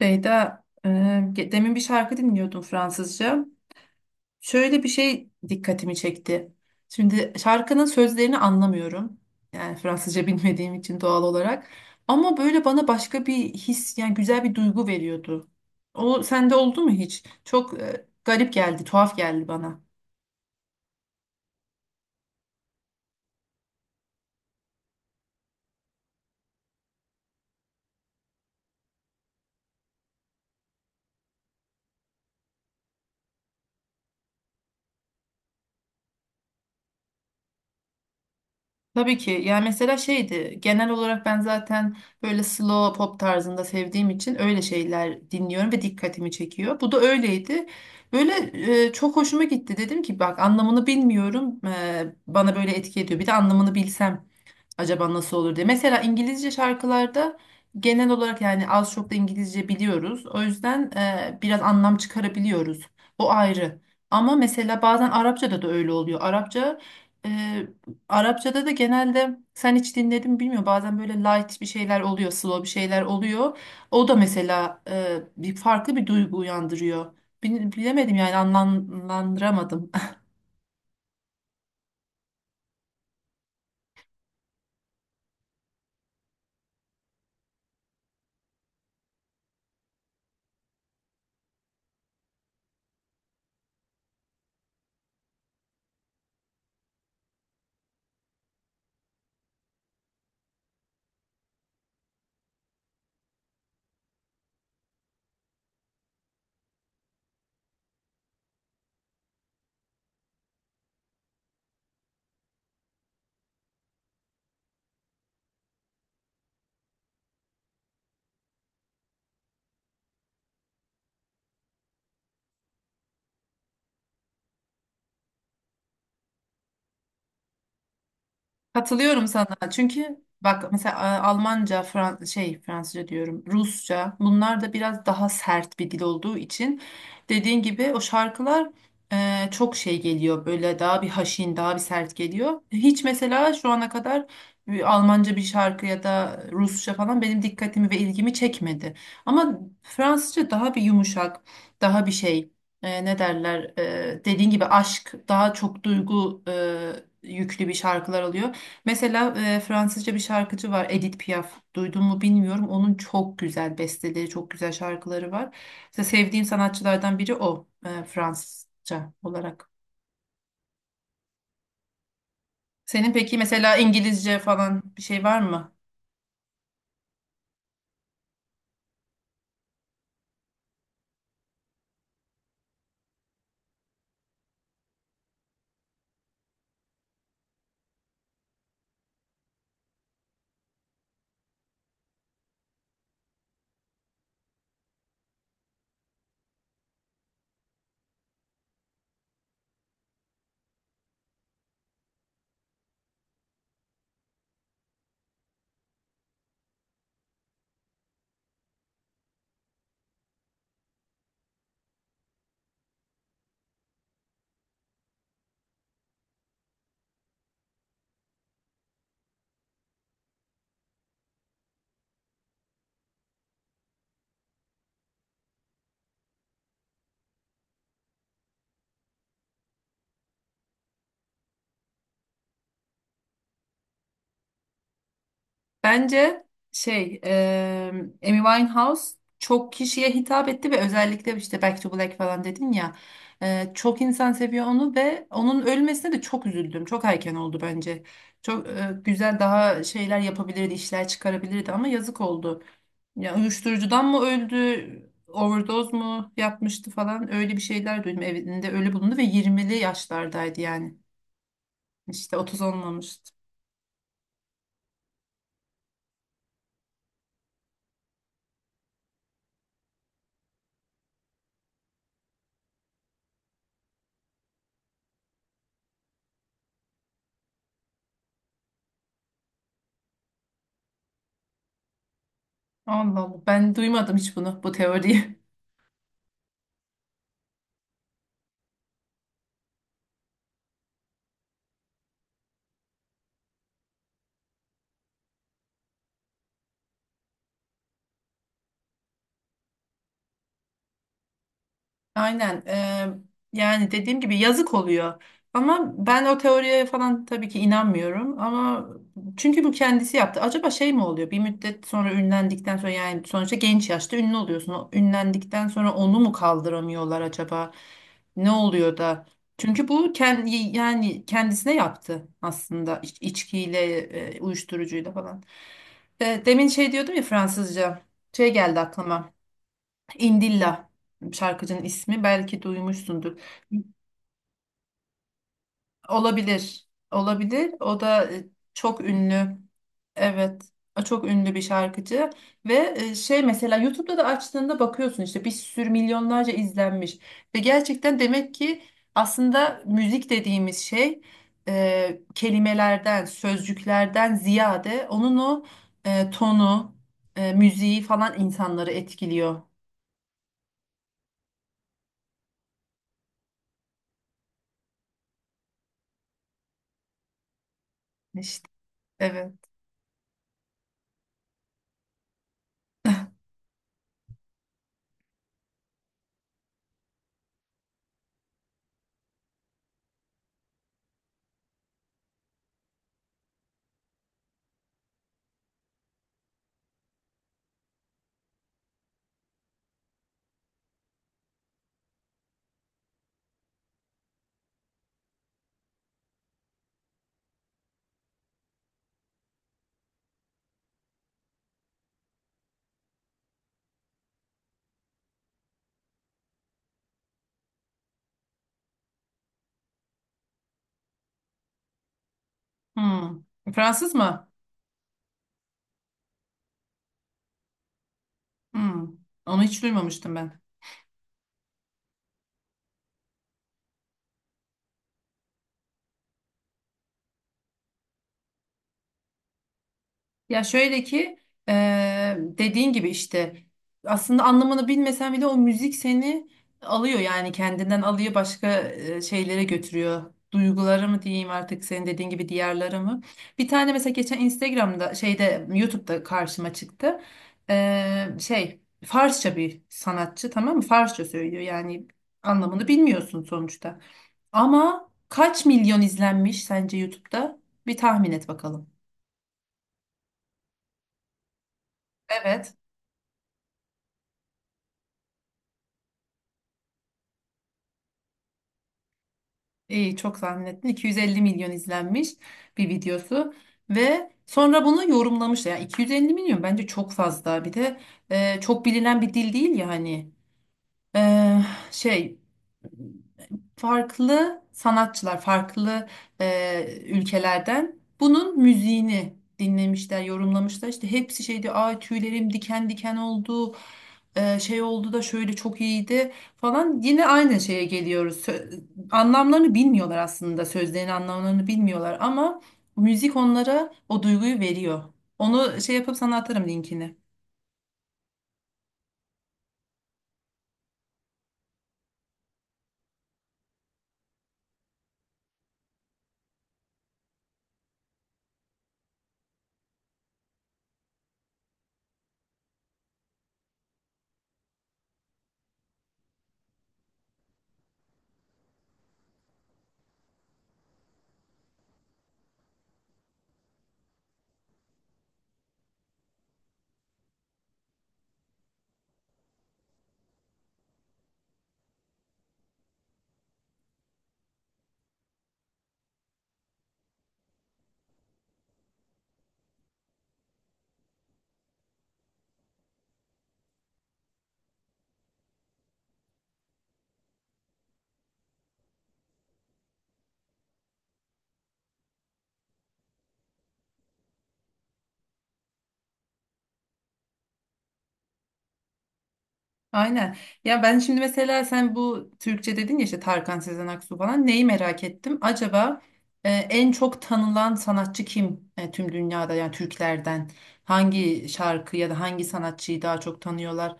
Beyda, demin bir şarkı dinliyordum Fransızca. Şöyle bir şey dikkatimi çekti. Şimdi şarkının sözlerini anlamıyorum. Yani Fransızca bilmediğim için doğal olarak. Ama böyle bana başka bir his, yani güzel bir duygu veriyordu. O sende oldu mu hiç? Çok garip geldi, tuhaf geldi bana. Tabii ki. Yani mesela şeydi genel olarak ben zaten böyle slow pop tarzında sevdiğim için öyle şeyler dinliyorum ve dikkatimi çekiyor. Bu da öyleydi. Böyle çok hoşuma gitti. Dedim ki bak anlamını bilmiyorum. Bana böyle etki ediyor. Bir de anlamını bilsem acaba nasıl olur diye. Mesela İngilizce şarkılarda genel olarak yani az çok da İngilizce biliyoruz. O yüzden biraz anlam çıkarabiliyoruz. O ayrı. Ama mesela bazen Arapçada da öyle oluyor. E, Arapçada da genelde sen hiç dinledin mi bilmiyorum. Bazen böyle light bir şeyler oluyor, slow bir şeyler oluyor. O da mesela bir farklı bir duygu uyandırıyor. Bilemedim yani anlamlandıramadım. Katılıyorum sana. Çünkü bak mesela Almanca, Fransızca diyorum, Rusça bunlar da biraz daha sert bir dil olduğu için dediğin gibi o şarkılar çok şey geliyor böyle daha bir haşin, daha bir sert geliyor. Hiç mesela şu ana kadar bir Almanca bir şarkı ya da Rusça falan benim dikkatimi ve ilgimi çekmedi. Ama Fransızca daha bir yumuşak, daha bir şey dediğin gibi aşk daha çok duygu yüklü bir şarkılar oluyor. Mesela Fransızca bir şarkıcı var Edith Piaf. Duydun mu bilmiyorum. Onun çok güzel besteleri, çok güzel şarkıları var. Mesela sevdiğim sanatçılardan biri o Fransızca olarak. Senin peki mesela İngilizce falan bir şey var mı? Bence şey e, Amy Winehouse çok kişiye hitap etti ve özellikle işte Back to Black falan dedin ya çok insan seviyor onu ve onun ölmesine de çok üzüldüm. Çok erken oldu bence. Çok güzel daha şeyler yapabilirdi, işler çıkarabilirdi ama yazık oldu. Ya uyuşturucudan mı öldü, overdose mu yapmıştı falan öyle bir şeyler duydum. Evinde ölü bulundu ve 20'li yaşlardaydı yani. İşte 30 olmamıştı. Allah Allah ben duymadım hiç bunu bu teoriyi. Aynen. Yani dediğim gibi yazık oluyor. Ama ben o teoriye falan tabii ki inanmıyorum. Ama çünkü bu kendisi yaptı. Acaba şey mi oluyor? Bir müddet sonra ünlendikten sonra yani sonuçta genç yaşta ünlü oluyorsun. O ünlendikten sonra onu mu kaldıramıyorlar acaba? Ne oluyor da? Çünkü bu kendi yani kendisine yaptı aslında içkiyle, uyuşturucuyla falan. Demin şey diyordum ya Fransızca. Şey geldi aklıma. İndilla şarkıcının ismi belki duymuşsundur. Olabilir. Olabilir. O da çok ünlü. Evet. O çok ünlü bir şarkıcı ve mesela YouTube'da da açtığında bakıyorsun işte bir sürü milyonlarca izlenmiş ve gerçekten demek ki aslında müzik dediğimiz şey kelimelerden, sözcüklerden ziyade onun o tonu, müziği falan insanları etkiliyor. İşte evet. Hmm. Fransız mı? Hmm. Onu hiç duymamıştım ben. Ya şöyle ki dediğin gibi işte aslında anlamını bilmesen bile o müzik seni alıyor yani kendinden alıyor başka şeylere götürüyor. Duyguları mı diyeyim artık senin dediğin gibi diğerleri mı? Bir tane mesela geçen Instagram'da şeyde YouTube'da karşıma çıktı. Farsça bir sanatçı tamam mı? Farsça söylüyor yani anlamını bilmiyorsun sonuçta. Ama kaç milyon izlenmiş sence YouTube'da? Bir tahmin et bakalım. Evet. İyi çok tahmin ettin. 250 milyon izlenmiş bir videosu ve sonra bunu yorumlamış. Yani 250 milyon bence çok fazla. Bir de çok bilinen bir dil değil ya hani. E, şey Farklı sanatçılar, farklı ülkelerden bunun müziğini dinlemişler, yorumlamışlar. İşte hepsi şeydi, ay tüylerim diken diken oldu, şey oldu da şöyle çok iyiydi falan. Yine aynı şeye geliyoruz. Anlamlarını bilmiyorlar aslında, sözlerin anlamlarını bilmiyorlar ama müzik onlara o duyguyu veriyor. Onu şey yapıp sana atarım linkini. Aynen. Ya ben şimdi mesela sen bu Türkçe dedin ya işte Tarkan Sezen Aksu falan neyi merak ettim. Acaba en çok tanınan sanatçı kim, tüm dünyada yani Türklerden? Hangi şarkı ya da hangi sanatçıyı daha çok tanıyorlar?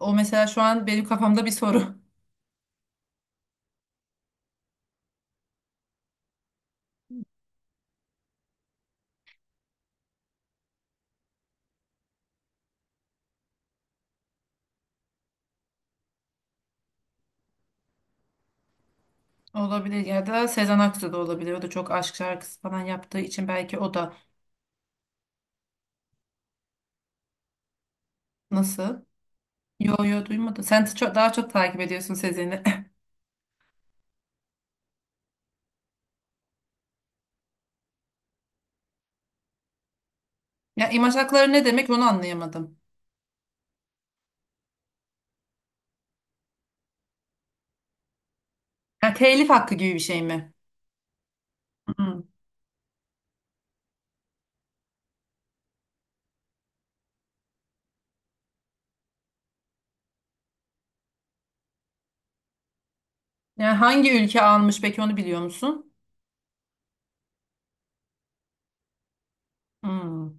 O mesela şu an benim kafamda bir soru. Olabilir, ya da Sezen Aksu da olabilir. O da çok aşk şarkısı falan yaptığı için belki o da. Nasıl? Yo yo, duymadım. Sen çok, daha çok takip ediyorsun Sezen'i. Ya imaj hakları ne demek, onu anlayamadım. Ya telif hakkı gibi bir şey mi? Hı. Yani hangi ülke almış peki, onu biliyor musun? Hmm.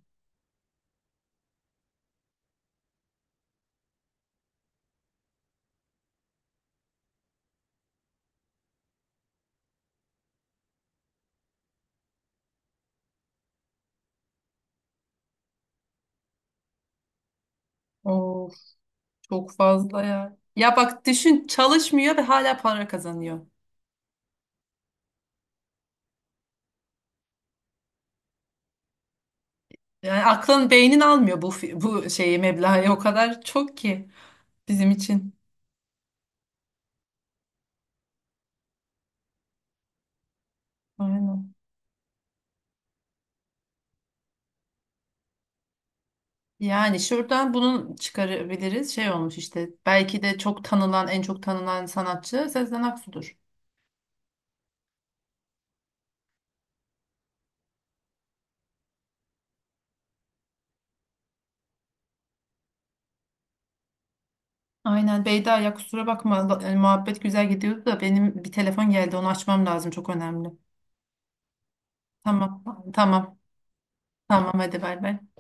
Of, çok fazla ya. Ya bak düşün, çalışmıyor ve hala para kazanıyor. Yani aklın beynin almıyor bu bu şeyi, meblağı o kadar çok ki bizim için. Aynen. Yani şuradan bunu çıkarabiliriz. Şey olmuş işte, belki de çok tanınan en çok tanınan sanatçı Sezen Aksu'dur. Aynen Beyda, ya kusura bakma, muhabbet güzel gidiyordu da benim bir telefon geldi, onu açmam lazım, çok önemli. Tamam, tamam, tamam, hadi bay bay.